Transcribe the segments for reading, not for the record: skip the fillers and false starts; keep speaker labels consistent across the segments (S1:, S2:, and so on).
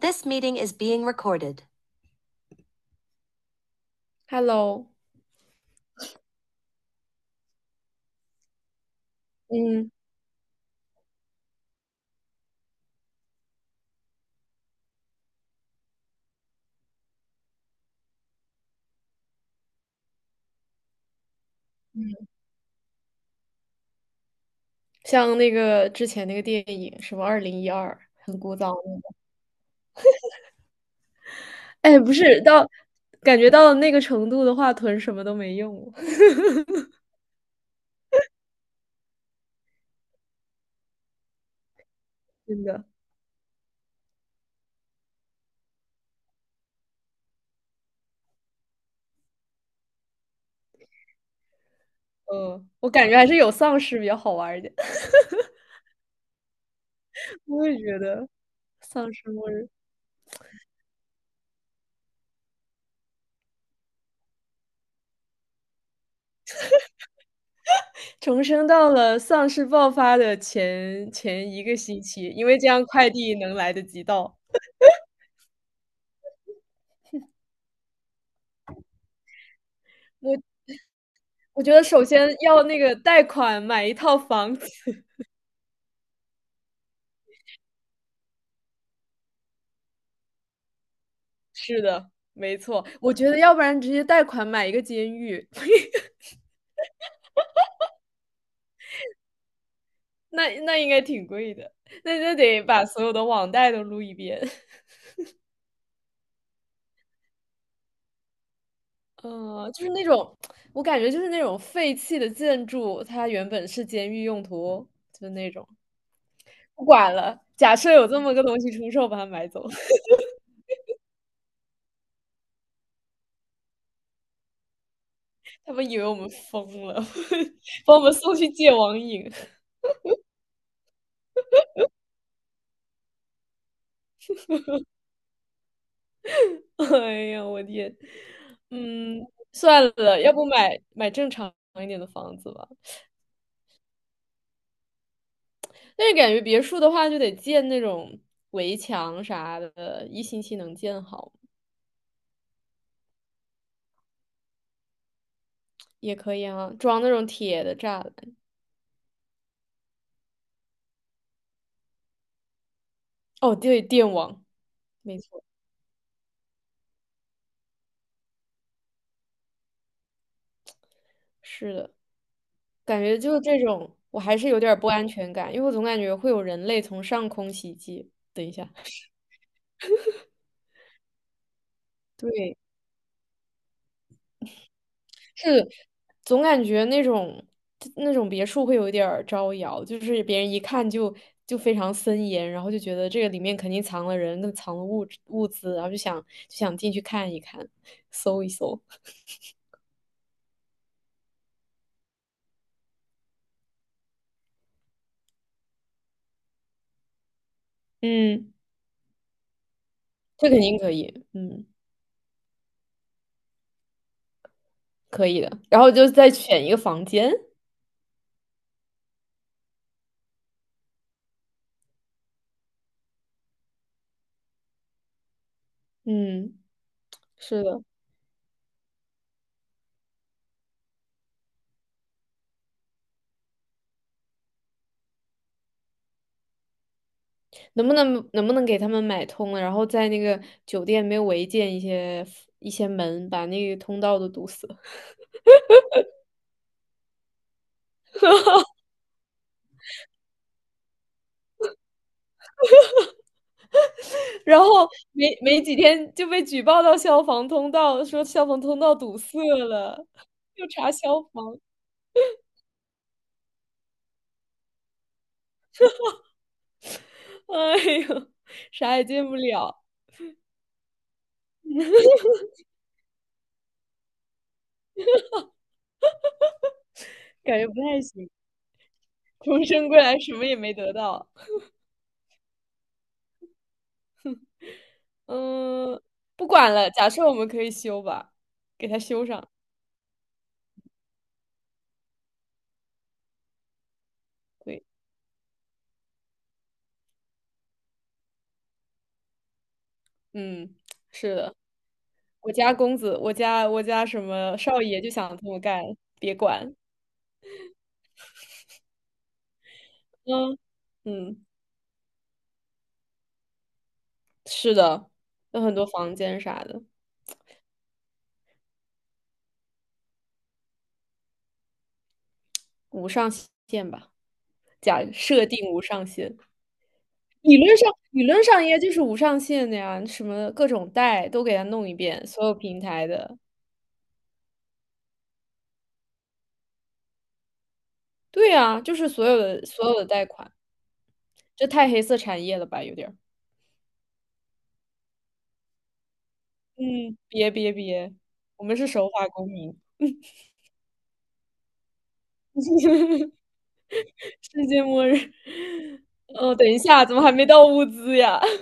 S1: This meeting is being recorded. Hello，嗯嗯，像那个之前那个电影什么2012，很古早那个。哎，不是，感觉到那个程度的话，囤什么都没用了。 真的，嗯，我感觉还是有丧尸比较好玩儿一点。我也觉得丧尸末日重生到了丧尸爆发的前一个星期，因为这样快递能来得及到。我我觉得首先要那个贷款买一套房子。是的，没错。我觉得要不然直接贷款买一个监狱。那应该挺贵的，那得把所有的网贷都撸一遍。嗯，就是那种，我感觉就是那种废弃的建筑，它原本是监狱用途，就那种。不管了，假设有这么个东西出售，把它买走。他们以为我们疯了，把我们送去戒网瘾。哎呀，我天，嗯，算了，要不买正常一点的房子吧。但是感觉别墅的话，就得建那种围墙啥的，一星期能建好也可以啊，装那种铁的栅栏。哦，对，电网，没错，是的，感觉就这种，我还是有点儿不安全感，因为我总感觉会有人类从上空袭击。等一下，对，是总感觉那种别墅会有一点儿招摇，就是别人一看就非常森严，然后就觉得这个里面肯定藏了人，跟藏了物资，然后就想进去看一看，搜一搜。嗯，这肯定可以，嗯，可以的。然后就再选一个房间，嗯，是的，能不能给他们买通了，然后在那个酒店没有违建一些门，把那个通道都堵死。然后没几天就被举报到消防通道，说消防通道堵塞了，又查消防，哎呦，啥也进不了，感觉不太行。重生归来什么也没得到，嗯，不管了。假设我们可以修吧，给它修上。对，嗯，是的，我家公子，我家什么少爷就想这么干，别管。嗯嗯，是的，有很多房间啥的。无上限吧，假设定无上限。理论上，理论上应该就是无上限的呀，什么各种贷都给他弄一遍，所有平台的。对啊，就是所有的贷款，这太黑色产业了吧，有点儿。嗯，别别别，我们是守法公民。世界末日。哦，等一下，怎么还没到物资呀？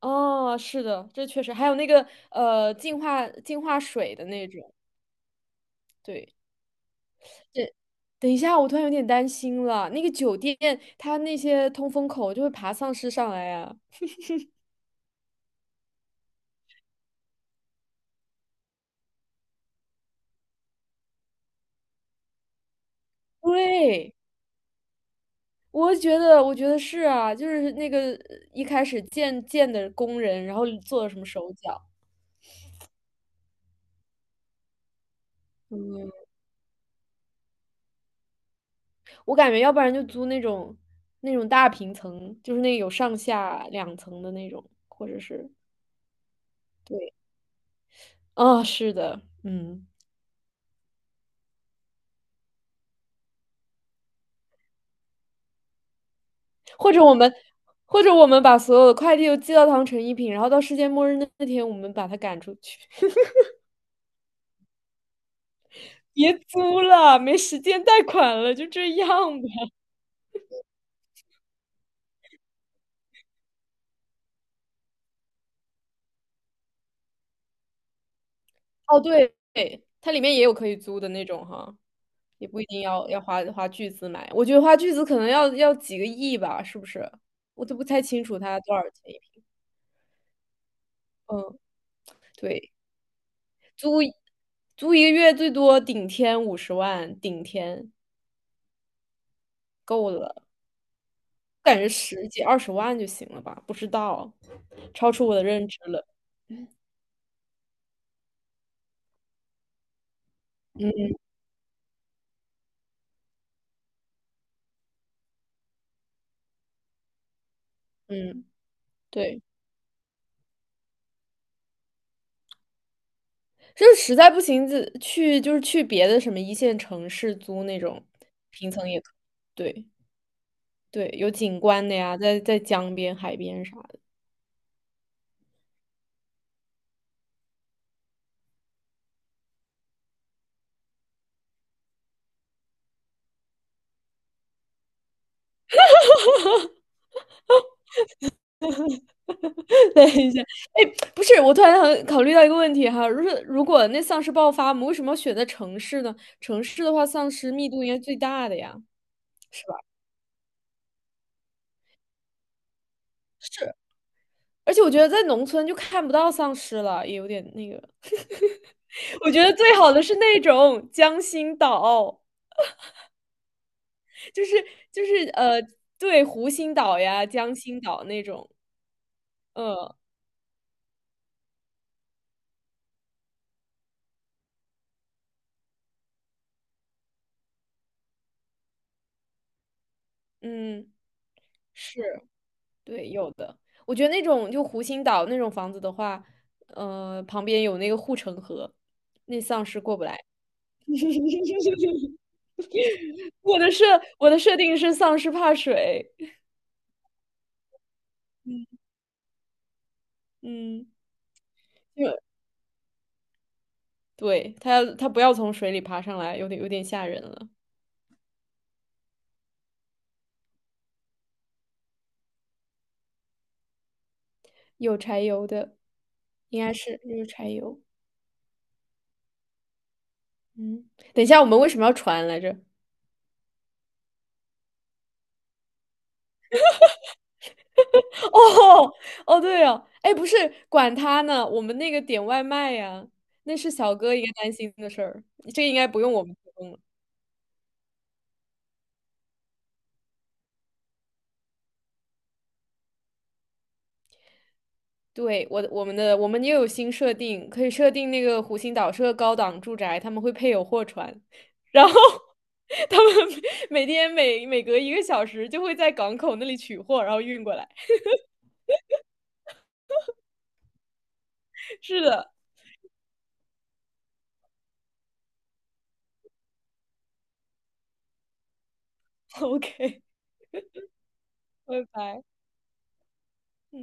S1: 哦，是的，这确实还有那个净化水的那种，对。是等一下，我突然有点担心了。那个酒店，它那些通风口就会爬丧尸上来呀、对，我觉得，我觉得是啊，就是那个一开始建的工人，然后做了什么手脚，嗯，我感觉要不然就租那种大平层，就是那个有上下两层的那种，或者是对，啊、是的，嗯，或者我们或者我们把所有的快递都寄到当成一品，然后到世界末日那天，我们把它赶出去。别租了，没时间贷款了，就这样吧。哦，对，对，它里面也有可以租的那种哈，也不一定要花巨资买。我觉得花巨资可能要几个亿吧，是不是？我都不太清楚它多少钱一平。嗯，对，租租一个月最多顶天50万，顶天够了，感觉十几二十万就行了吧？不知道，超出我的认知了。嗯，对。就是实在不行，就是去别的什么一线城市租那种平层也可以，对对，有景观的呀，在江边、海边啥的。等一下，哎，不是，我突然很考虑到一个问题哈，如果那丧尸爆发，我们为什么要选在城市呢？城市的话，丧尸密度应该最大的呀，是吧？是，而且我觉得在农村就看不到丧尸了，也有点那个。我觉得最好的是那种江心岛。就是就是，对，湖心岛呀、江心岛那种，嗯嗯，是，对，有的。我觉得那种就湖心岛那种房子的话，旁边有那个护城河，那丧尸过不来。我的设我的设定是丧尸怕水，嗯嗯，因为对，它他不要从水里爬上来，有点吓人了。有柴油的，应该是有柴油。嗯，等一下，我们为什么要船来着？哦哦，对哦，哎，不是，管他呢，我们那个点外卖呀，那是小哥应该担心的事儿，这个应该不用我们提供了。对，我的我们的我们也有新设定，可以设定那个湖心岛是个高档住宅，他们会配有货船，然后 他们每天每隔一个小时就会在港口那里取货，然后运过来。是的 ，OK，拜拜。